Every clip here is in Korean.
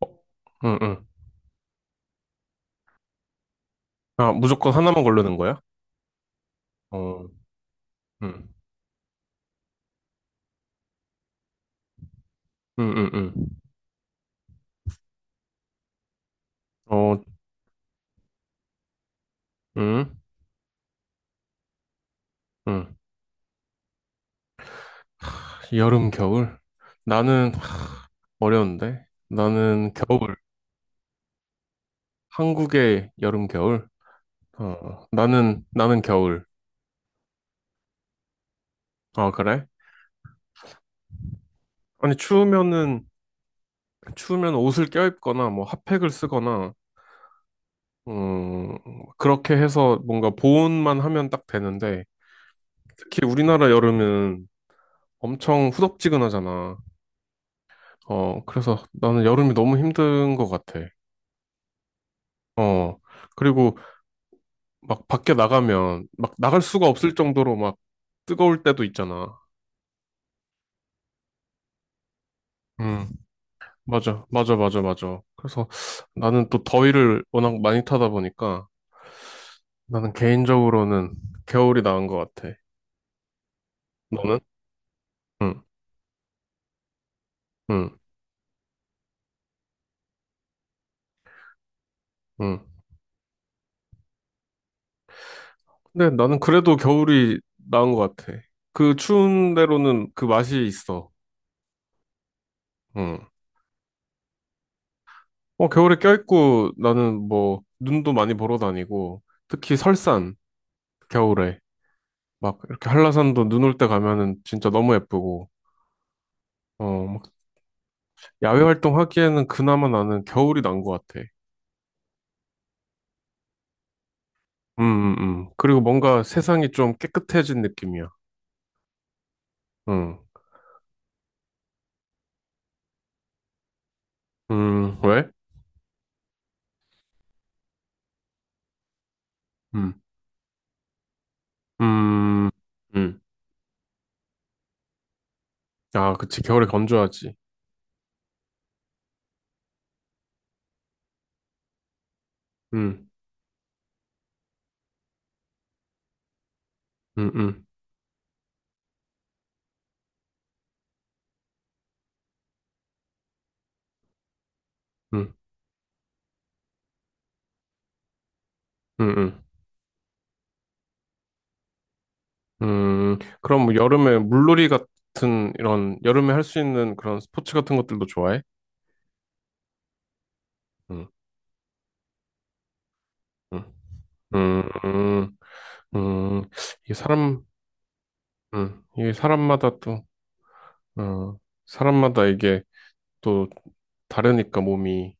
어, 응, 응. 아, 무조건 하나만 고르는 거야? 어, 응, 응, 응, 응. 어, 응, 응. 여름, 겨울? 나는 어려운데? 나는 겨울. 한국의 여름, 겨울? 어, 나는 겨울. 아, 그래? 아니, 추우면은, 추우면 옷을 껴입거나, 뭐, 핫팩을 쓰거나, 음, 그렇게 해서 뭔가 보온만 하면 딱 되는데, 특히 우리나라 여름은 엄청 후덥지근하잖아. 어, 그래서 나는 여름이 너무 힘든 것 같아. 어, 그리고 막 밖에 나가면 막 나갈 수가 없을 정도로 막 뜨거울 때도 있잖아. 음, 맞아, 맞아, 맞아, 맞아. 그래서 나는 또 더위를 워낙 많이 타다 보니까 나는 개인적으로는 겨울이 나은 것 같아. 너는? 응, 응, 응. 근데 나는 그래도 겨울이 나은 것 같아. 그 추운 데로는 그 맛이 있어. 응. 어, 겨울에 껴있고 나는 뭐 눈도 많이 보러 다니고 특히 설산 겨울에 막 이렇게 한라산도 눈 올 때 가면은 진짜 너무 예쁘고 어, 막 야외 활동하기에는 그나마 나는 겨울이 난 것 같아. 음, 음, 그리고 뭔가 세상이 좀 깨끗해진 느낌이야. 응. 왜? 음, 음, 음. 아, 그치. 겨울에 건조하지. 음, 음, 음, 음, 음, 음. 그럼 뭐 여름에 물놀이 같은 이런 여름에 할 수 있는 그런 스포츠 같은 것들도 좋아해? 음, 음, 음, 음, 음. 이게 사람, 이게 사람마다 또, 어, 사람마다 이게 또 다르니까 몸이,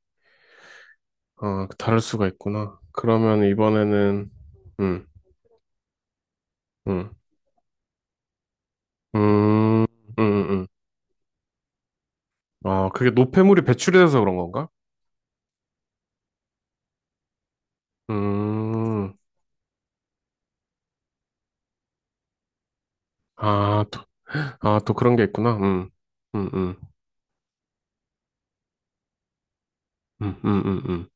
어, 다를 수가 있구나. 그러면 이번에는, 음, 음, 음, 음, 음. 아, 그게 노폐물이 배출이 돼서 그런 건가? 음, 아, 또, 아, 또 그런 게 있구나. 음, 음. 음, 음, 음,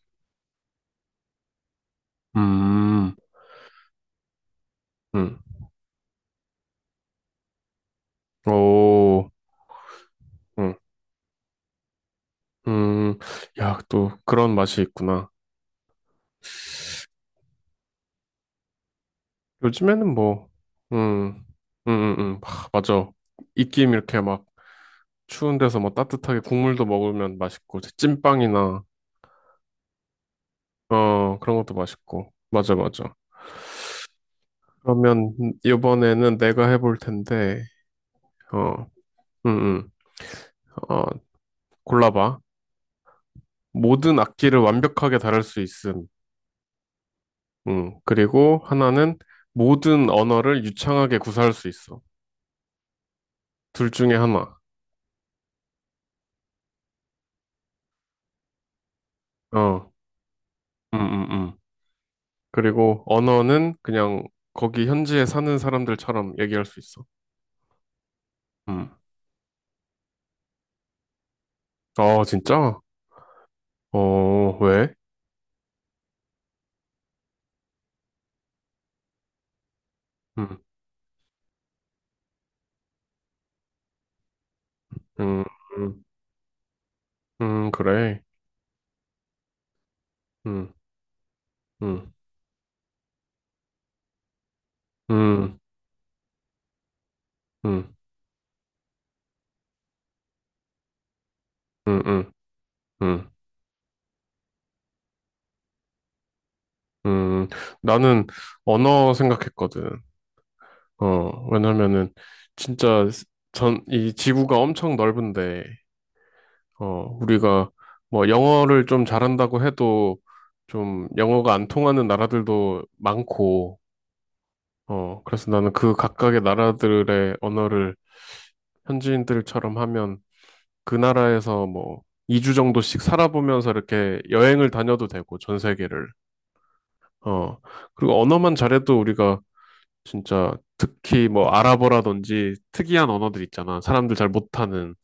음, 음, 음. 오, 음, 음, 야, 또 그런 맛이 있구나. 요즘에는 뭐, 음, 하, 맞아. 입김 이렇게 막 추운 데서 뭐 따뜻하게 국물도 먹으면 맛있고, 찐빵이나, 어, 그런 것도 맛있고. 맞아, 맞아. 그러면 이번에는 내가 해볼 텐데, 어, 음, 음, 어, 골라봐. 모든 악기를 완벽하게 다룰 수 있음. 그리고 하나는 모든 언어를 유창하게 구사할 수 있어. 둘 중에 하나. 어, 음, 음, 음. 그리고 언어는 그냥 거기 현지에 사는 사람들처럼 얘기할 수 있어. 음. 아, 진짜? 어, 왜? 음, 음, 음, 그래. 음, 음, 음, 음, 음, 음, 음. 음. 나는 언어 생각했거든. 어, 왜냐면은 진짜 전, 이 지구가 엄청 넓은데 어, 우리가 뭐 영어를 좀 잘한다고 해도 좀 영어가 안 통하는 나라들도 많고, 어, 그래서 나는 그 각각의 나라들의 언어를 현지인들처럼 하면 그 나라에서 뭐 2주 정도씩 살아보면서 이렇게 여행을 다녀도 되고, 전 세계를. 어, 그리고 언어만 잘해도 우리가 진짜 특히 뭐 아랍어라든지 특이한 언어들 있잖아. 사람들 잘 못하는.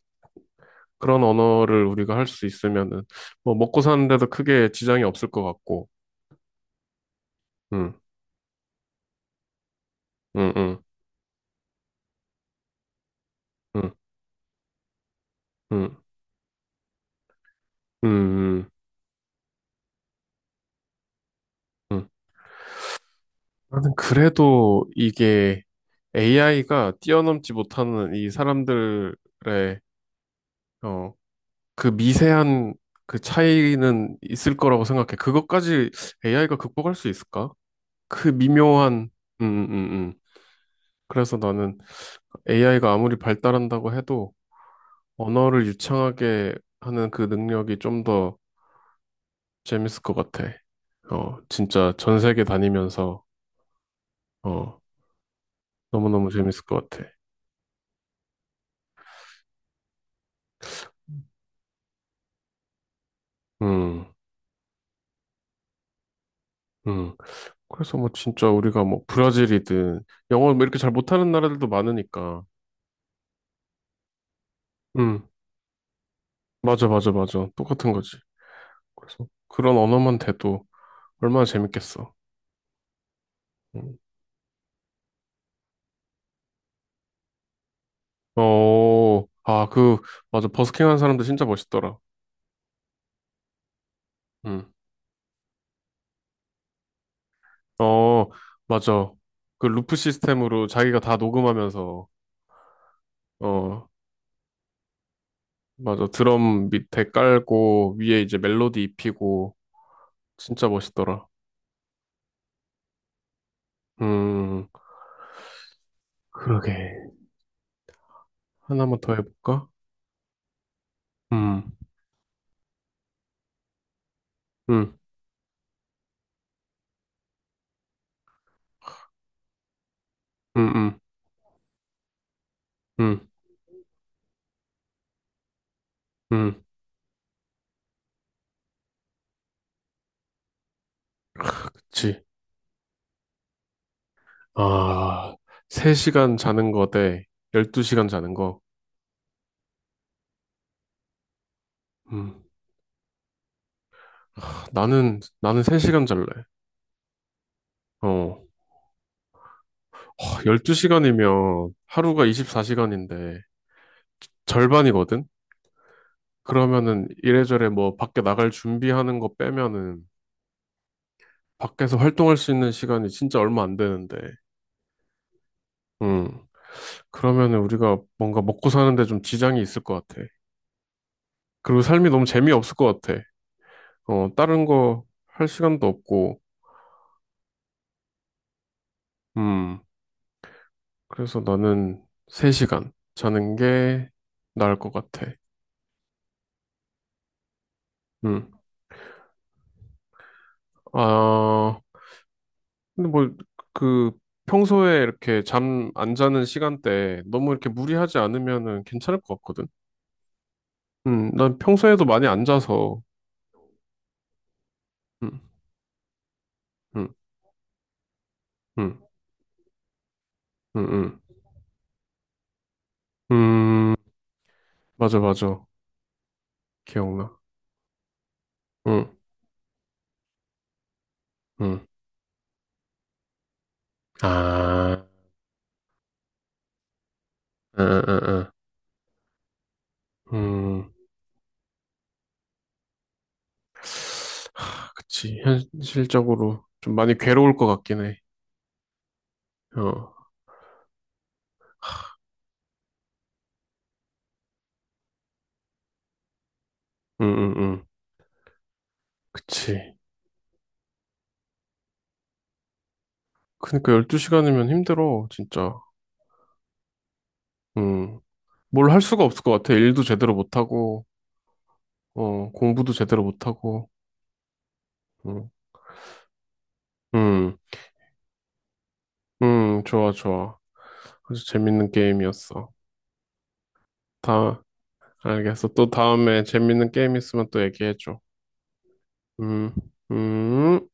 그런 언어를 우리가 할 수 있으면은 뭐 먹고 사는 데도 크게 지장이 없을 것 같고. 음. 음. 음. 음. 음. 음. 음. 나는 그래도 이게 AI가 뛰어넘지 못하는 이 사람들의 어, 그 미세한 그 차이는 있을 거라고 생각해. 그것까지 AI가 극복할 수 있을까? 그 미묘한 음. 음. 음. 그래서 나는 AI가 아무리 발달한다고 해도 언어를 유창하게 하는 그 능력이 좀 더 재밌을 것 같아. 어, 진짜 전 세계 다니면서, 어, 너무너무 재밌을 것 같아. 음, 음. 그래서 뭐 진짜 우리가 뭐 브라질이든 영어 뭐 이렇게 잘 못하는 나라들도 많으니까. 음, 맞아, 맞아, 맞아. 똑같은 거지. 그래서 그런 언어만 돼도 얼마나 재밌겠어. 음. 어, 아, 그, 맞아. 버스킹 하는 사람들 진짜 멋있더라. 음. 어, 맞아. 그 루프 시스템으로 자기가 다 녹음하면서, 어, 맞아. 드럼 밑에 깔고, 위에 이제 멜로디 입히고, 진짜 멋있더라. 음, 그러게. 하나만 더 해볼까? 음, 음, 음, 음, 음, 음, 그치. 아, 3시간 자는 거 대 12시간 자는 거. 음, 나는 3시간 잘래. 어, 12시간이면 하루가 24시간인데, 절반이거든? 그러면은 이래저래 뭐 밖에 나갈 준비하는 거 빼면은 밖에서 활동할 수 있는 시간이 진짜 얼마 안 되는데, 음, 그러면은 우리가 뭔가 먹고 사는데 좀 지장이 있을 것 같아. 그리고 삶이 너무 재미없을 것 같아. 어, 다른 거 할 시간도 없고, 음, 그래서 나는 3시간 자는 게 나을 것 같아. 음, 아, 근데 뭐, 그, 평소에 이렇게 잠 안 자는 시간대 너무 이렇게 무리하지 않으면은 괜찮을 것 같거든. 난 평소에도 많이 앉아서, 음, 음, 음, 음, 음, 음, 맞아, 맞아. 기억나. 응, 응. 아, 응, 응, 응. 응. 하, 그치. 현실적으로 좀 많이 괴로울 것 같긴 해. 어, 응, 응, 응. 그치. 그니까 12시간이면 힘들어, 진짜. 음, 뭘 할 수가 없을 것 같아. 일도 제대로 못하고, 어, 공부도 제대로 못하고, 응, 응, 응, 좋아, 좋아. 아주 재밌는 게임이었어. 다 알겠어. 또 다음에 재밌는 게임 있으면 또 얘기해줘. 음, 음.